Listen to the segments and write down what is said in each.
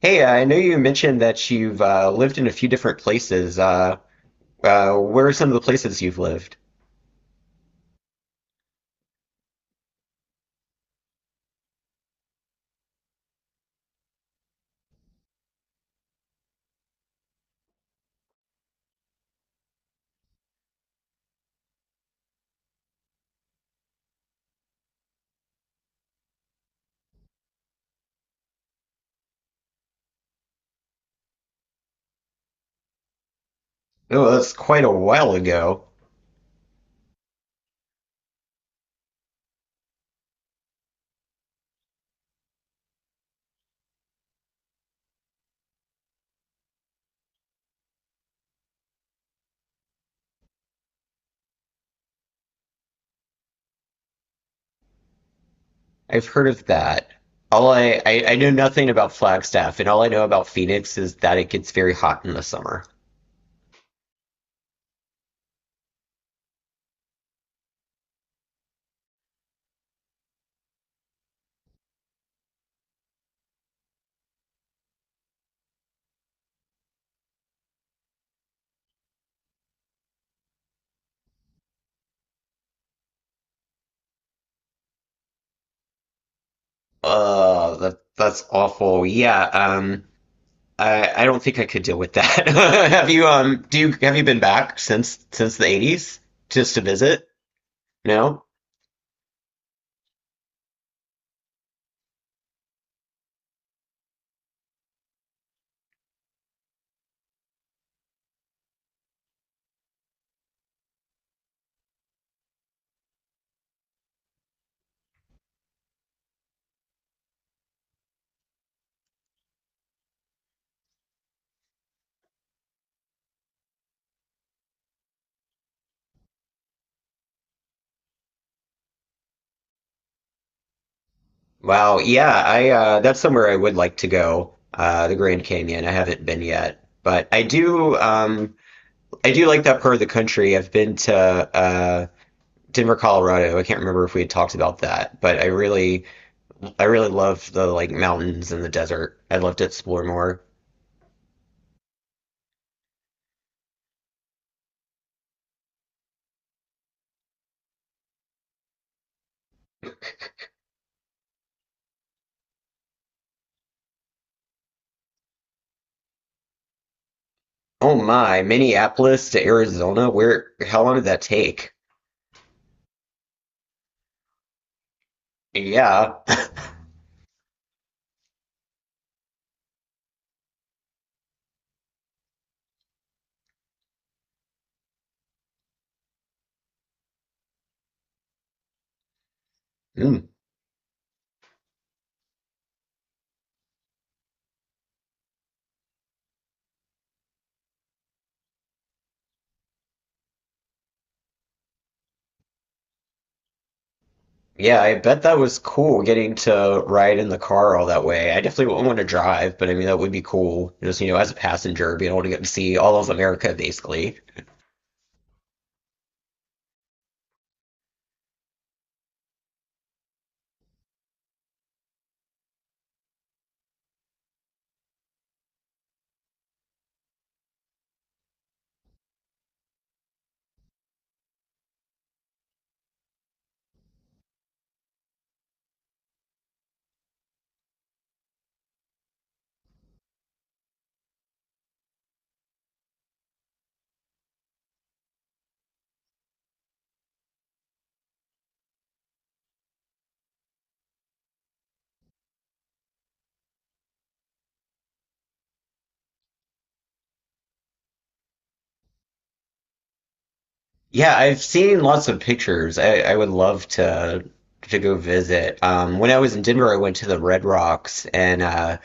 Hey, I know you mentioned that you've lived in a few different places. Where are some of the places you've lived? Oh, that's quite a while ago. I've heard of that. I know nothing about Flagstaff, and all I know about Phoenix is that it gets very hot in the summer. Oh, that's awful. Yeah, I don't think I could deal with that. Have you do you have you been back since the 80s just to visit? No? Wow, yeah, I that's somewhere I would like to go, the Grand Canyon. I haven't been yet, but I do like that part of the country. I've been to Denver, Colorado. I can't remember if we had talked about that, but I really love the like mountains and the desert. I'd love to explore more. Oh my, Minneapolis to Arizona, where how long did that take? Yeah. Hmm. Yeah, I bet that was cool getting to ride in the car all that way. I definitely wouldn't want to drive, but I mean that would be cool. Just, you know, as a passenger, being able to get to see all of America basically. Yeah, I've seen lots of pictures. I would love to go visit. When I was in Denver, I went to the Red Rocks and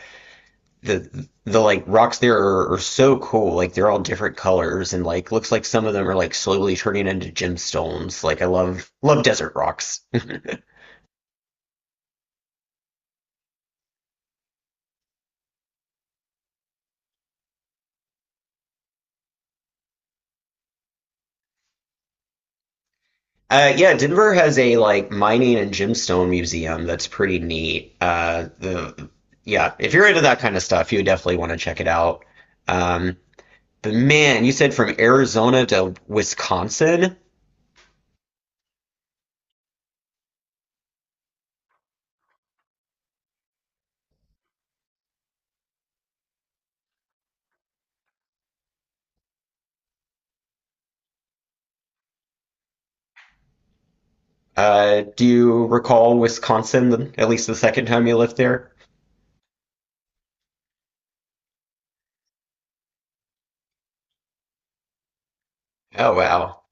the like rocks there are so cool. Like they're all different colors and like looks like some of them are like slowly turning into gemstones. Like I love love desert rocks. Yeah, Denver has a like mining and gemstone museum that's pretty neat. If you're into that kind of stuff, you definitely want to check it out. Um, but man, you said from Arizona to Wisconsin. Do you recall Wisconsin, at least the second time you lived there? Oh wow.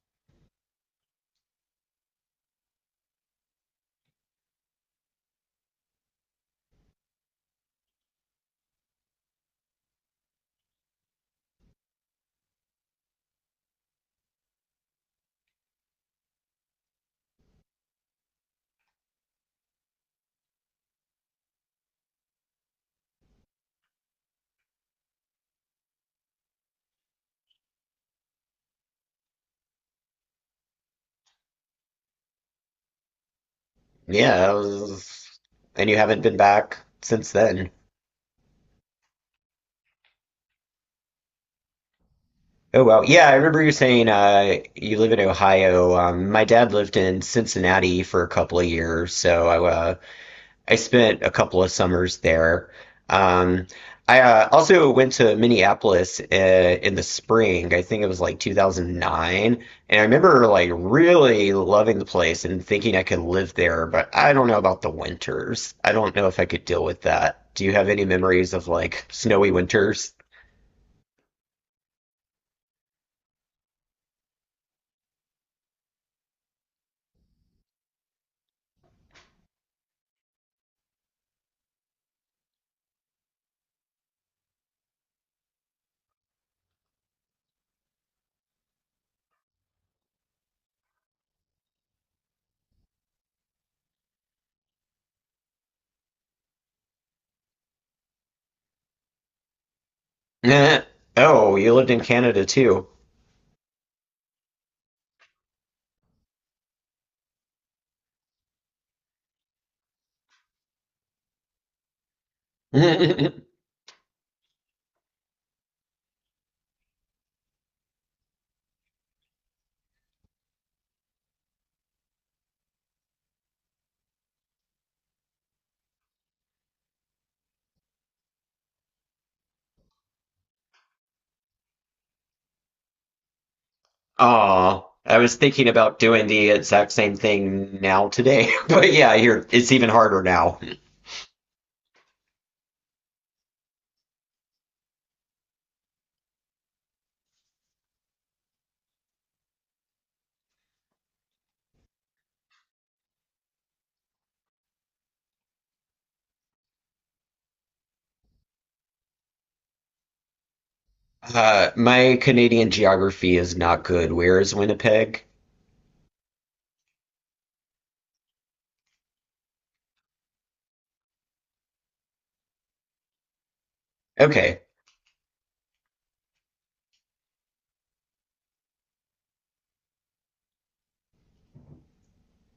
Yeah, that was, and you haven't been back since then. Oh well, yeah, I remember you saying you live in Ohio. My dad lived in Cincinnati for a couple of years, so I spent a couple of summers there. Um, I Also went to Minneapolis in the spring. I think it was like 2009, and I remember like really loving the place and thinking I could live there, but I don't know about the winters. I don't know if I could deal with that. Do you have any memories of like snowy winters? Eh, oh, you lived in Canada too. Oh, I was thinking about doing the exact same thing now today, but yeah, here it's even harder now. My Canadian geography is not good. Where is Winnipeg? Okay.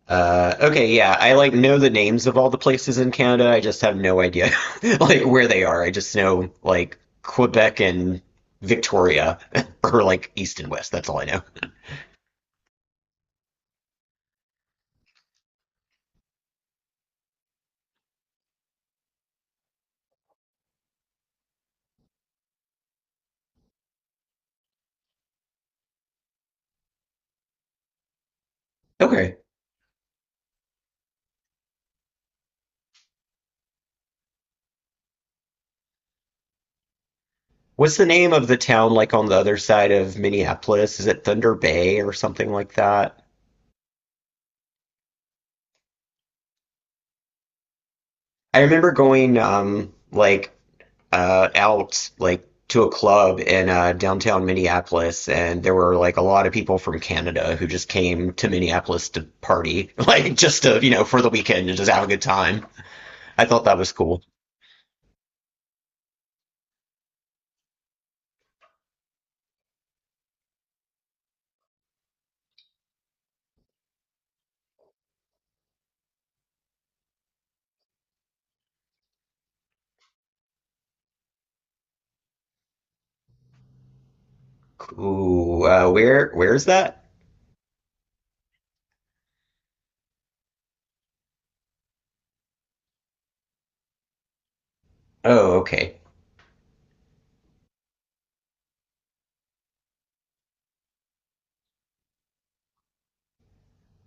Okay, yeah. I like know the names of all the places in Canada. I just have no idea like where they are. I just know like Quebec and Victoria or like east and west. That's all I know. Okay. What's the name of the town like on the other side of Minneapolis? Is it Thunder Bay or something like that? I remember going like out like to a club in downtown Minneapolis and there were like a lot of people from Canada who just came to Minneapolis to party, like just to, you know, for the weekend and just have a good time. I thought that was cool. Cool. Where's that? Oh, okay.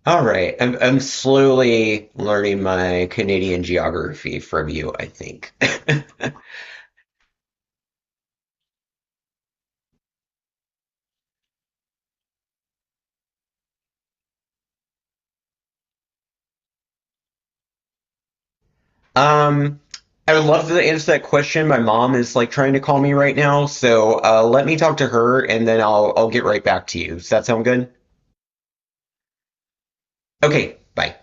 All right. I'm slowly learning my Canadian geography from you, I think. Um, I would love to answer that question. My mom is like trying to call me right now, so let me talk to her and then I'll get right back to you. Does that sound good? Okay, bye.